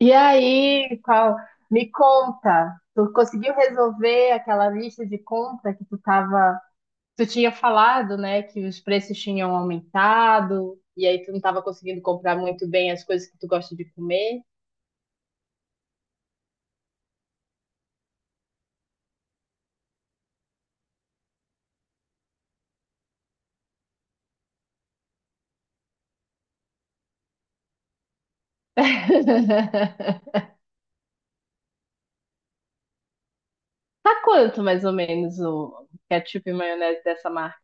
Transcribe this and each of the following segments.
E aí, qual? Me conta, tu conseguiu resolver aquela lista de compra que tu tinha falado, né, que os preços tinham aumentado e aí tu não tava conseguindo comprar muito bem as coisas que tu gosta de comer? Tá quanto mais ou menos o ketchup e maionese dessa marca?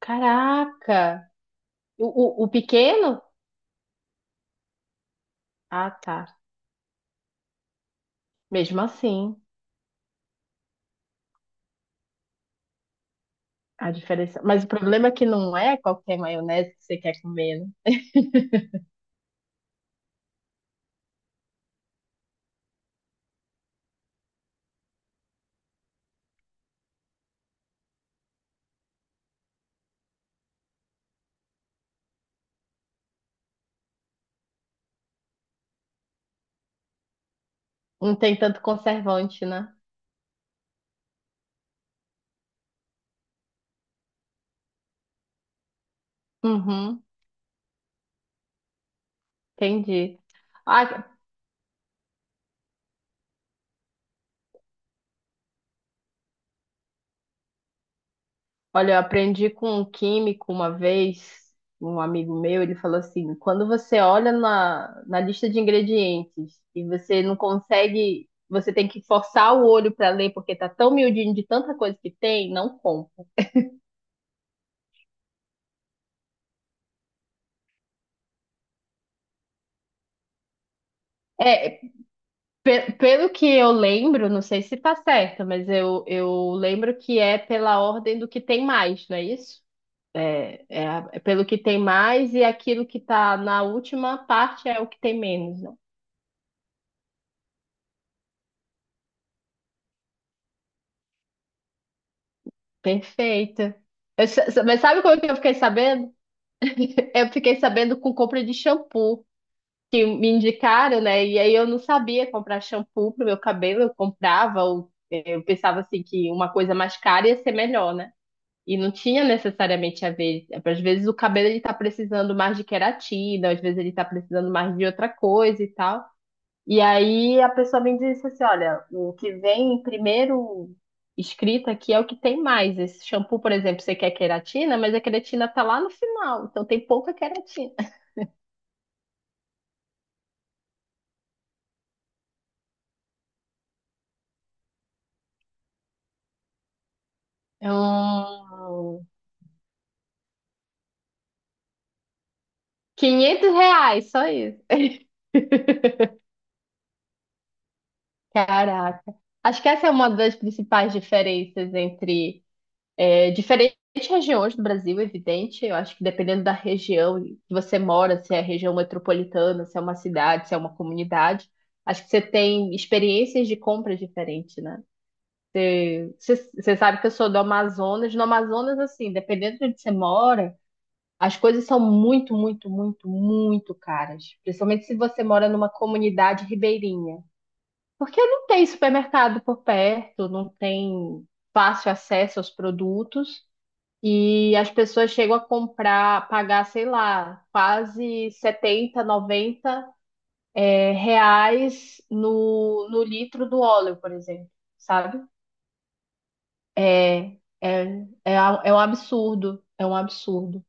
Caraca! O pequeno? Ah, tá. Mesmo assim, a diferença. Mas o problema é que não é qualquer maionese que você quer comer, né? Não tem tanto conservante, né? Uhum, entendi. Ah, olha, eu aprendi com um químico uma vez, um amigo meu, ele falou assim: quando você olha na lista de ingredientes e você não consegue, você tem que forçar o olho para ler porque tá tão miudinho de tanta coisa que tem, não compra. É, pelo que eu lembro, não sei se tá certo, mas eu lembro que é pela ordem do que tem mais, não é isso? É, é pelo que tem mais e aquilo que está na última parte é o que tem menos, né? Perfeita. Mas sabe como é que eu fiquei sabendo? Eu fiquei sabendo com compra de shampoo, que me indicaram, né? E aí eu não sabia comprar shampoo pro meu cabelo, eu comprava, ou, eu pensava assim que uma coisa mais cara ia ser melhor, né? E não tinha necessariamente a ver. Às vezes o cabelo ele tá precisando mais de queratina, às vezes ele tá precisando mais de outra coisa e tal. E aí a pessoa me disse assim: olha, o que vem primeiro escrito aqui é o que tem mais. Esse shampoo, por exemplo, você quer queratina, mas a queratina tá lá no final, então tem pouca queratina. É um... R$ 500, só isso. Caraca. Acho que essa é uma das principais diferenças entre. É, diferentes regiões do Brasil, é evidente, eu acho que dependendo da região que você mora, se é região metropolitana, se é uma cidade, se é uma comunidade, acho que você tem experiências de compra diferentes, né? Você sabe que eu sou do Amazonas, no Amazonas, assim, dependendo de onde você mora, as coisas são muito, muito, muito, muito caras, principalmente se você mora numa comunidade ribeirinha. Porque não tem supermercado por perto, não tem fácil acesso aos produtos. E as pessoas chegam a comprar, pagar, sei lá, quase 70, 90 é, reais no litro do óleo, por exemplo, sabe? É, é, é um absurdo, é um absurdo.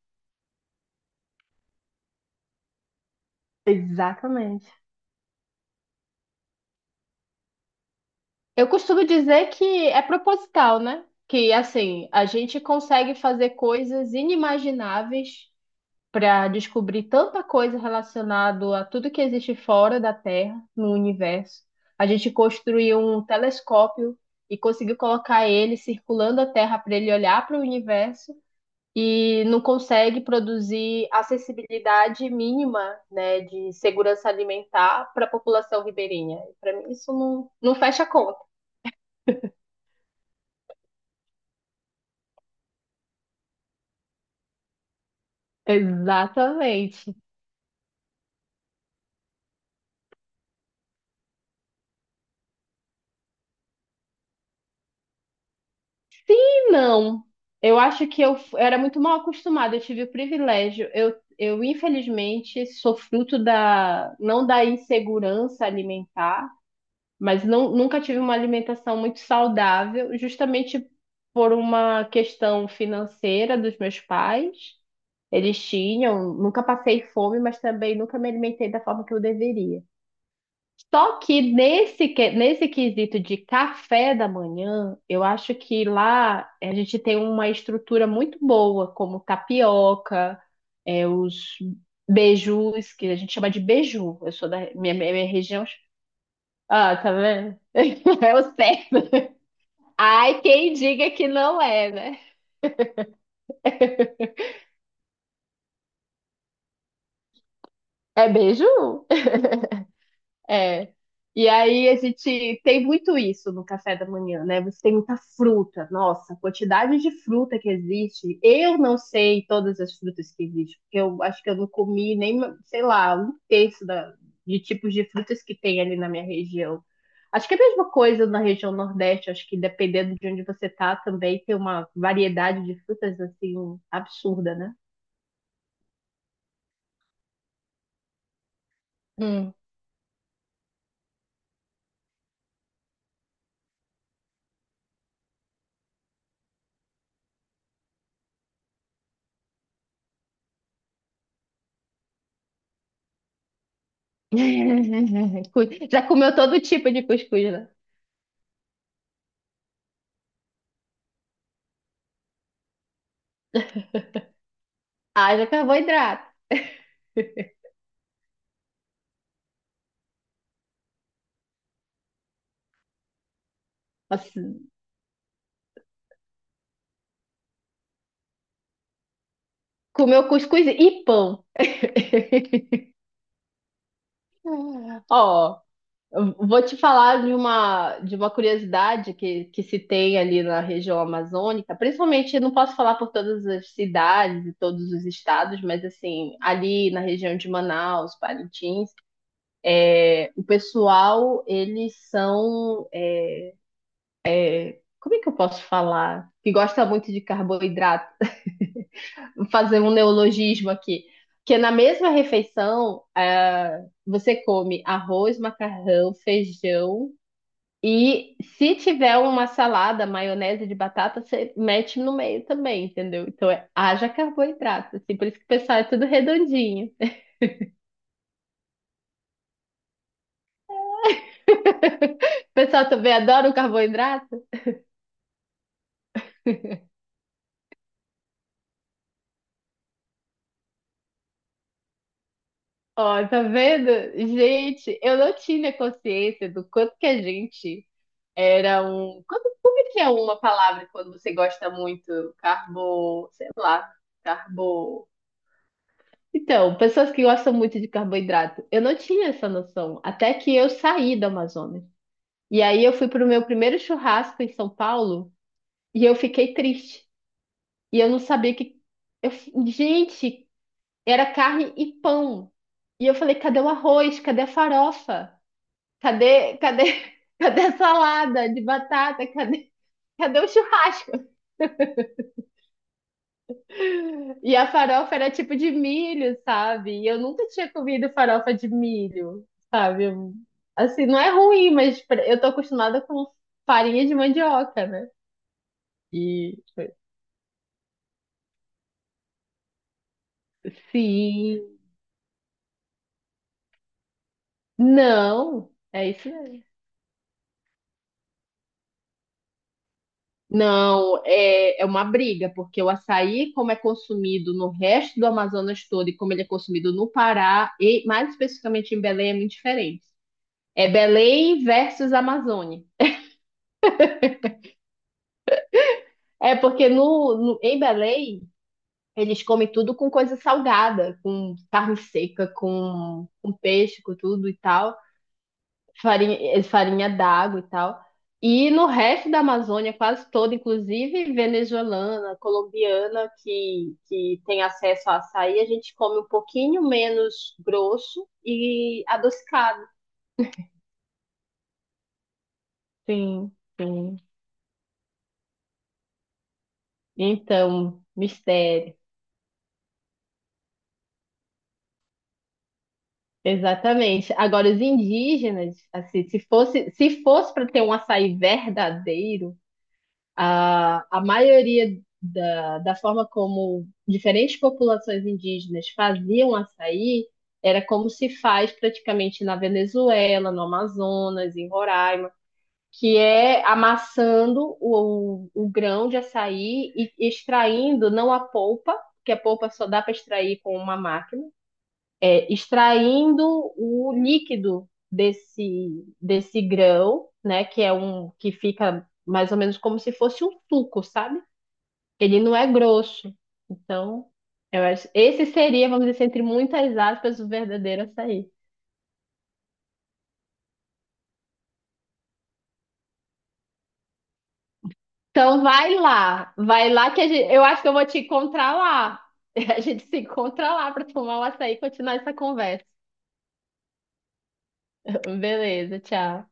Exatamente. Eu costumo dizer que é proposital, né? Que assim, a gente consegue fazer coisas inimagináveis para descobrir tanta coisa relacionada a tudo que existe fora da Terra, no universo. A gente construiu um telescópio e conseguiu colocar ele circulando a Terra para ele olhar para o universo e não consegue produzir acessibilidade mínima, né, de segurança alimentar para a população ribeirinha. Para mim isso não fecha conta. Exatamente. Não, eu acho que eu era muito mal acostumada, eu tive o privilégio. Eu infelizmente sou fruto da, não da insegurança alimentar, mas não, nunca tive uma alimentação muito saudável, justamente por uma questão financeira dos meus pais. Eles tinham, nunca passei fome, mas também nunca me alimentei da forma que eu deveria. Só que nesse quesito de café da manhã, eu acho que lá a gente tem uma estrutura muito boa, como tapioca, é, os beijus, que a gente chama de beiju. Eu sou da minha região. Ah, tá vendo? Eu sei. Ai, quem diga que não é, né? É beiju? É. E aí a gente tem muito isso no café da manhã, né? Você tem muita fruta. Nossa, a quantidade de fruta que existe. Eu não sei todas as frutas que existem, porque eu acho que eu não comi nem, sei lá, um terço de tipos de frutas que tem ali na minha região. Acho que é a mesma coisa na região Nordeste, acho que dependendo de onde você tá também tem uma variedade de frutas assim absurda, né? Hum. Já comeu todo tipo de cuscuz, né? Haja carboidrato. Assim, comeu cuscuz e pão. Ó, eu vou te falar de de uma curiosidade que se tem ali na região amazônica, principalmente, eu não posso falar por todas as cidades e todos os estados, mas assim, ali na região de Manaus, Parintins, é, o pessoal, eles são, é, como é que eu posso falar? Que gosta muito de carboidrato fazer um neologismo aqui. Que na mesma refeição, ah, você come arroz, macarrão, feijão e se tiver uma salada, maionese de batata, você mete no meio também, entendeu? Então é, haja carboidrato, assim, por isso que o pessoal é tudo redondinho. O pessoal também adora o carboidrato. Ó, tá vendo? Gente, eu não tinha consciência do quanto que a gente. Era um. Quando. Como é que é uma palavra quando você gosta muito? Carbo. Sei lá. Carbo. Então, pessoas que gostam muito de carboidrato. Eu não tinha essa noção. Até que eu saí da Amazônia. E aí eu fui pro meu primeiro churrasco em São Paulo e eu fiquei triste. E eu não sabia que. Eu. Gente, era carne e pão. E eu falei: cadê o arroz? Cadê a farofa? Cadê, cadê, cadê a salada de batata? Cadê o churrasco? E a farofa era tipo de milho, sabe? E eu nunca tinha comido farofa de milho, sabe? Assim, não é ruim, mas eu tô acostumada com farinha de mandioca, né? E sim, não, é isso mesmo. Não, é, é uma briga, porque o açaí, como é consumido no resto do Amazonas todo e como ele é consumido no Pará, e mais especificamente em Belém, é muito diferente. É Belém versus Amazônia. É porque em Belém eles comem tudo com coisa salgada, com carne seca, com peixe, com tudo e tal, farinha, é, farinha d'água e tal. E no resto da Amazônia, quase toda, inclusive venezuelana, colombiana, que tem acesso a açaí, a gente come um pouquinho menos grosso e adocicado. Sim, sim. Então, mistério. Exatamente. Agora, os indígenas, assim, se fosse para ter um açaí verdadeiro, a maioria da forma como diferentes populações indígenas faziam açaí era como se faz praticamente na Venezuela, no Amazonas, em Roraima, que é amassando o grão de açaí e extraindo não a polpa, que a polpa só dá para extrair com uma máquina é, extraindo o líquido desse grão, né? Que é um que fica mais ou menos como se fosse um suco, sabe? Ele não é grosso. Então, eu acho, esse seria, vamos dizer, assim, entre muitas aspas, o verdadeiro açaí. Então, vai lá que a gente, eu acho que eu vou te encontrar lá. A gente se encontra lá para tomar o açaí e continuar essa conversa. Beleza, tchau.